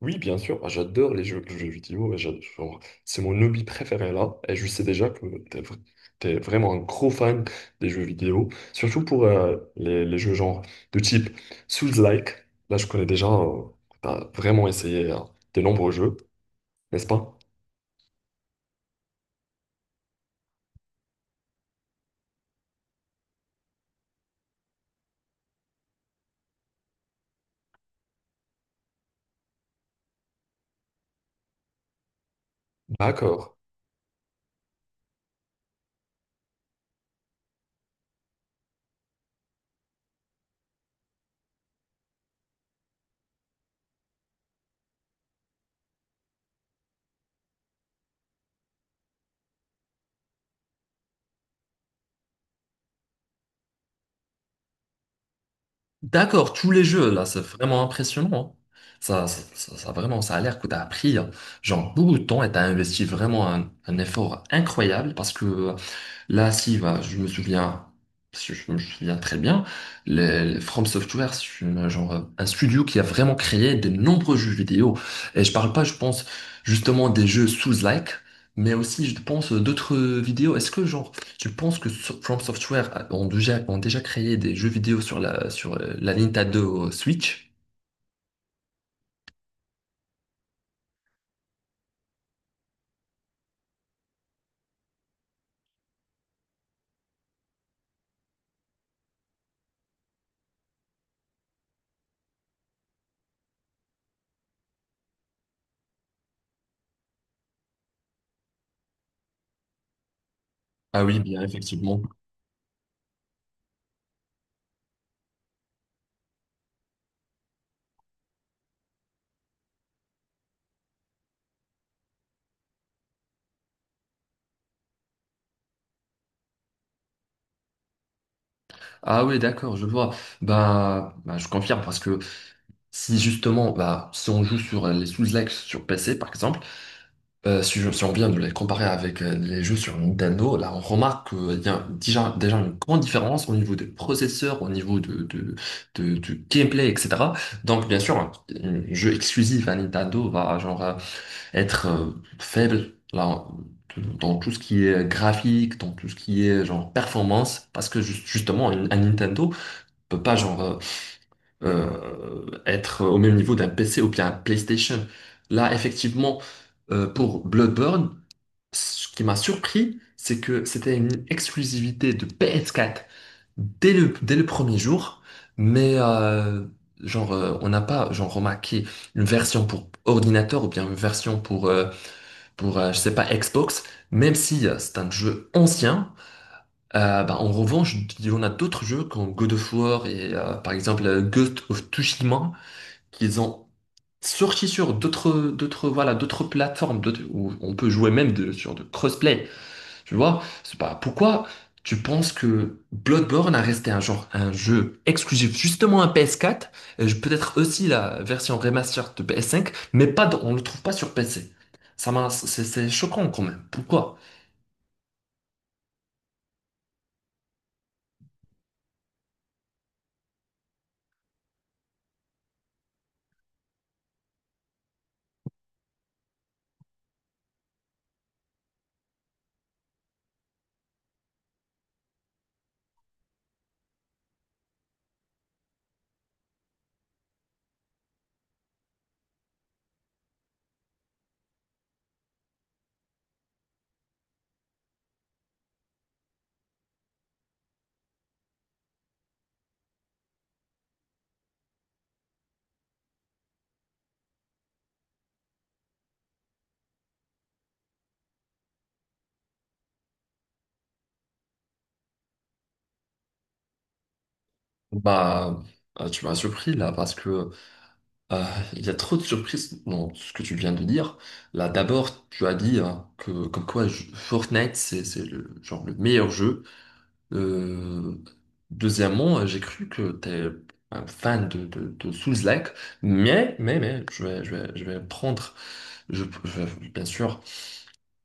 Oui, bien sûr. Ah, j'adore les jeux vidéo, et c'est mon hobby préféré là, et je sais déjà que t'es vraiment un gros fan des jeux vidéo, surtout pour les jeux genre de type Souls-like, là je connais déjà, t'as vraiment essayé de nombreux jeux, n'est-ce pas? D'accord. D'accord, tous les jeux, là, c'est vraiment impressionnant, hein. Ça, vraiment, ça a l'air que tu as appris, hein, genre, beaucoup de temps et tu as investi vraiment un effort incroyable, parce que là, si, bah, je me souviens, parce que je me souviens très bien, les From Software, c'est un studio qui a vraiment créé de nombreux jeux vidéo. Et je parle pas, je pense, justement des jeux Souls-like, mais aussi, je pense, d'autres vidéos. Est-ce que, genre, tu penses que From Software ont déjà créé des jeux vidéo sur la Nintendo Switch? Ah oui, bien, effectivement. Ah oui, d'accord, je vois. Bah, je confirme, parce que si justement, bah, si on joue sur les sous-like sur PC par exemple, si on vient de les comparer avec les jeux sur Nintendo, là on remarque qu'il y a déjà une grande différence au niveau des processeurs, au niveau du gameplay, etc. Donc bien sûr, un jeu exclusif à Nintendo va être faible là, dans tout ce qui est graphique, dans tout ce qui est genre performance, parce que justement un Nintendo peut pas être au même niveau d'un PC ou bien un PlayStation. Là, effectivement, pour Bloodborne, ce qui m'a surpris, c'est que c'était une exclusivité de PS4 dès le premier jour, mais on n'a pas genre remarqué une version pour ordinateur ou bien une version pour, je sais pas, Xbox, même si c'est un jeu ancien. En revanche, il y en a d'autres jeux comme God of War et par exemple Ghost of Tsushima qu'ils ont sorti sur d'autres voilà, d'autres plateformes, où on peut jouer même sur de crossplay, tu vois. C'est pas pourquoi tu penses que Bloodborne a resté un genre un jeu exclusif justement à PS4, et peut-être aussi la version remastered de PS5, mais pas dans- on le trouve pas sur PC? Ça m'a, c'est choquant quand même, pourquoi? Bah tu m'as surpris là, parce que Euh, il y a trop de surprises dans ce que tu viens de dire. Là, d'abord, tu as dit, hein, que comme quoi Fortnite, c'est le genre le meilleur jeu. Euh, Deuxièmement, j'ai cru que t'es un fan de Souls-like, mais je vais prendre, je vais bien sûr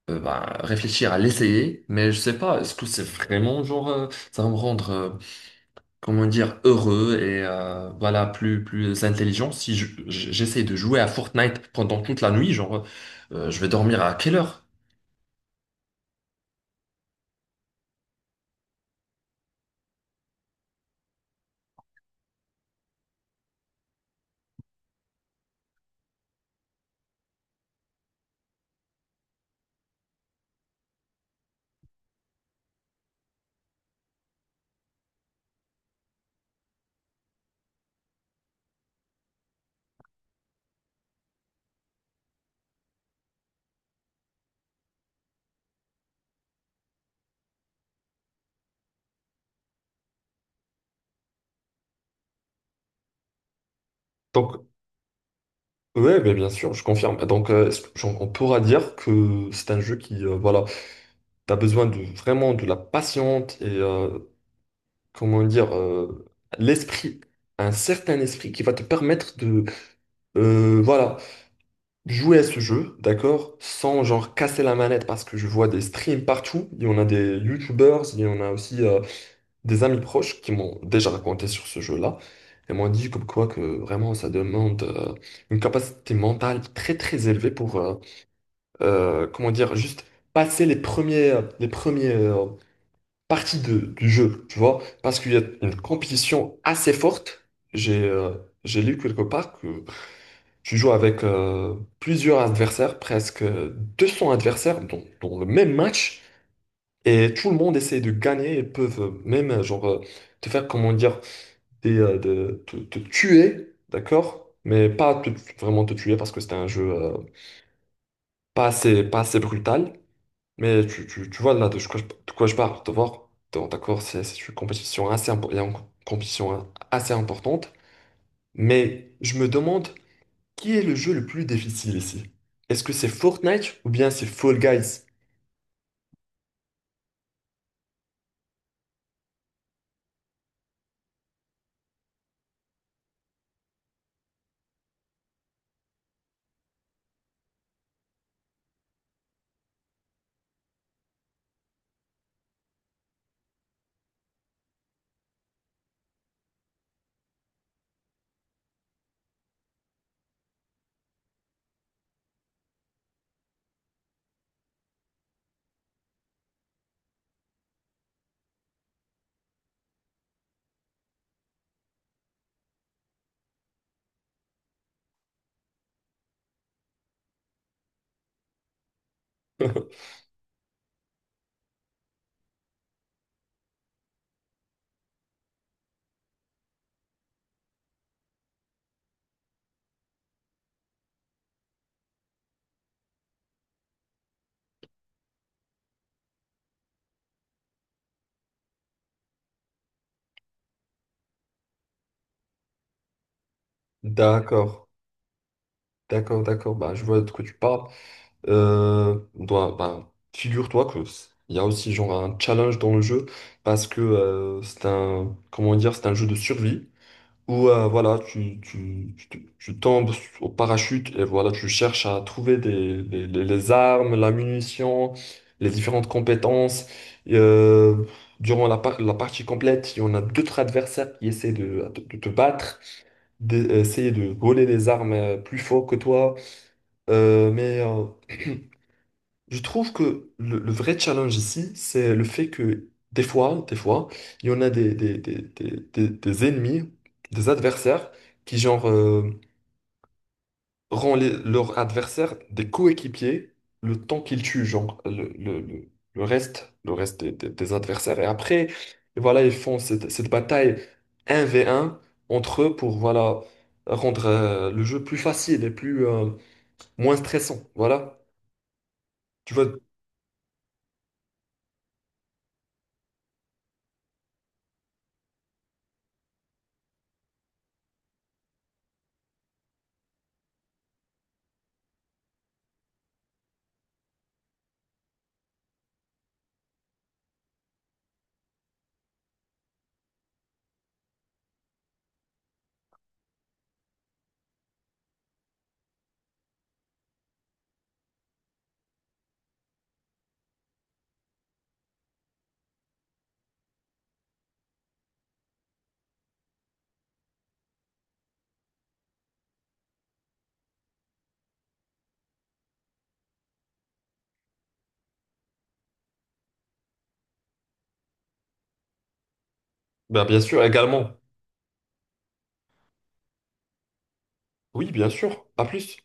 bah, réfléchir à l'essayer, mais je sais pas, est-ce que c'est vraiment ça va me rendre comment dire, heureux et voilà, plus intelligent. Si j'essaie de jouer à Fortnite pendant toute la nuit, genre, je vais dormir à quelle heure? Donc, ouais, ben, bien sûr, je confirme. Bah, donc, est-ce que, genre, on pourra dire que c'est un jeu qui, voilà, t'as besoin de vraiment de la patience et, comment dire, l'esprit, un certain esprit qui va te permettre de, voilà, jouer à ce jeu, d'accord, sans genre casser la manette parce que je vois des streams partout. Il y en a des YouTubers, il y en a aussi des amis proches qui m'ont déjà raconté sur ce jeu-là et m'ont dit comme quoi que vraiment ça demande une capacité mentale très très élevée pour comment dire, juste passer les premiers parties du jeu, tu vois, parce qu'il y a une compétition assez forte. J'ai euh, j'ai lu quelque part que tu joues avec plusieurs adversaires, presque 200 adversaires dans le même match, et tout le monde essaie de gagner et peuvent même te faire, comment dire, te tuer, d'accord? Mais pas te- vraiment te tuer parce que c'était un jeu pas assez brutal. Mais tu vois là de quoi je parle, de voir. Donc, d'accord, c'est une compétition assez, impo- et une compétition, hein, assez importante. Mais je me demande, qui est le jeu le plus difficile ici? Est-ce que c'est Fortnite ou bien c'est Fall Guys? D'accord, d'accord, d'accord. Bah, je vois de quoi tu parles. Bah, figure-toi que il y a aussi genre un challenge dans le jeu, parce que c'est un, comment dire, c'est un jeu de survie, où voilà, tu tombes au parachute et voilà, tu cherches à trouver les armes, la munition, les différentes compétences. Et, durant la partie complète, il y en a d'autres adversaires qui essaient de te battre, d'essayer de voler les armes plus fort que toi. Mais je trouve que le vrai challenge ici, c'est le fait que des fois, il y en a des ennemis, des adversaires, qui rend leurs adversaires des coéquipiers le temps qu'ils tuent, genre le reste, le reste des adversaires. Et après, et voilà, ils font cette bataille un entre eux pour voilà rendre le jeu plus facile et plus moins stressant. Voilà. Tu vois, ben, bien sûr, également. Oui, bien sûr. À plus.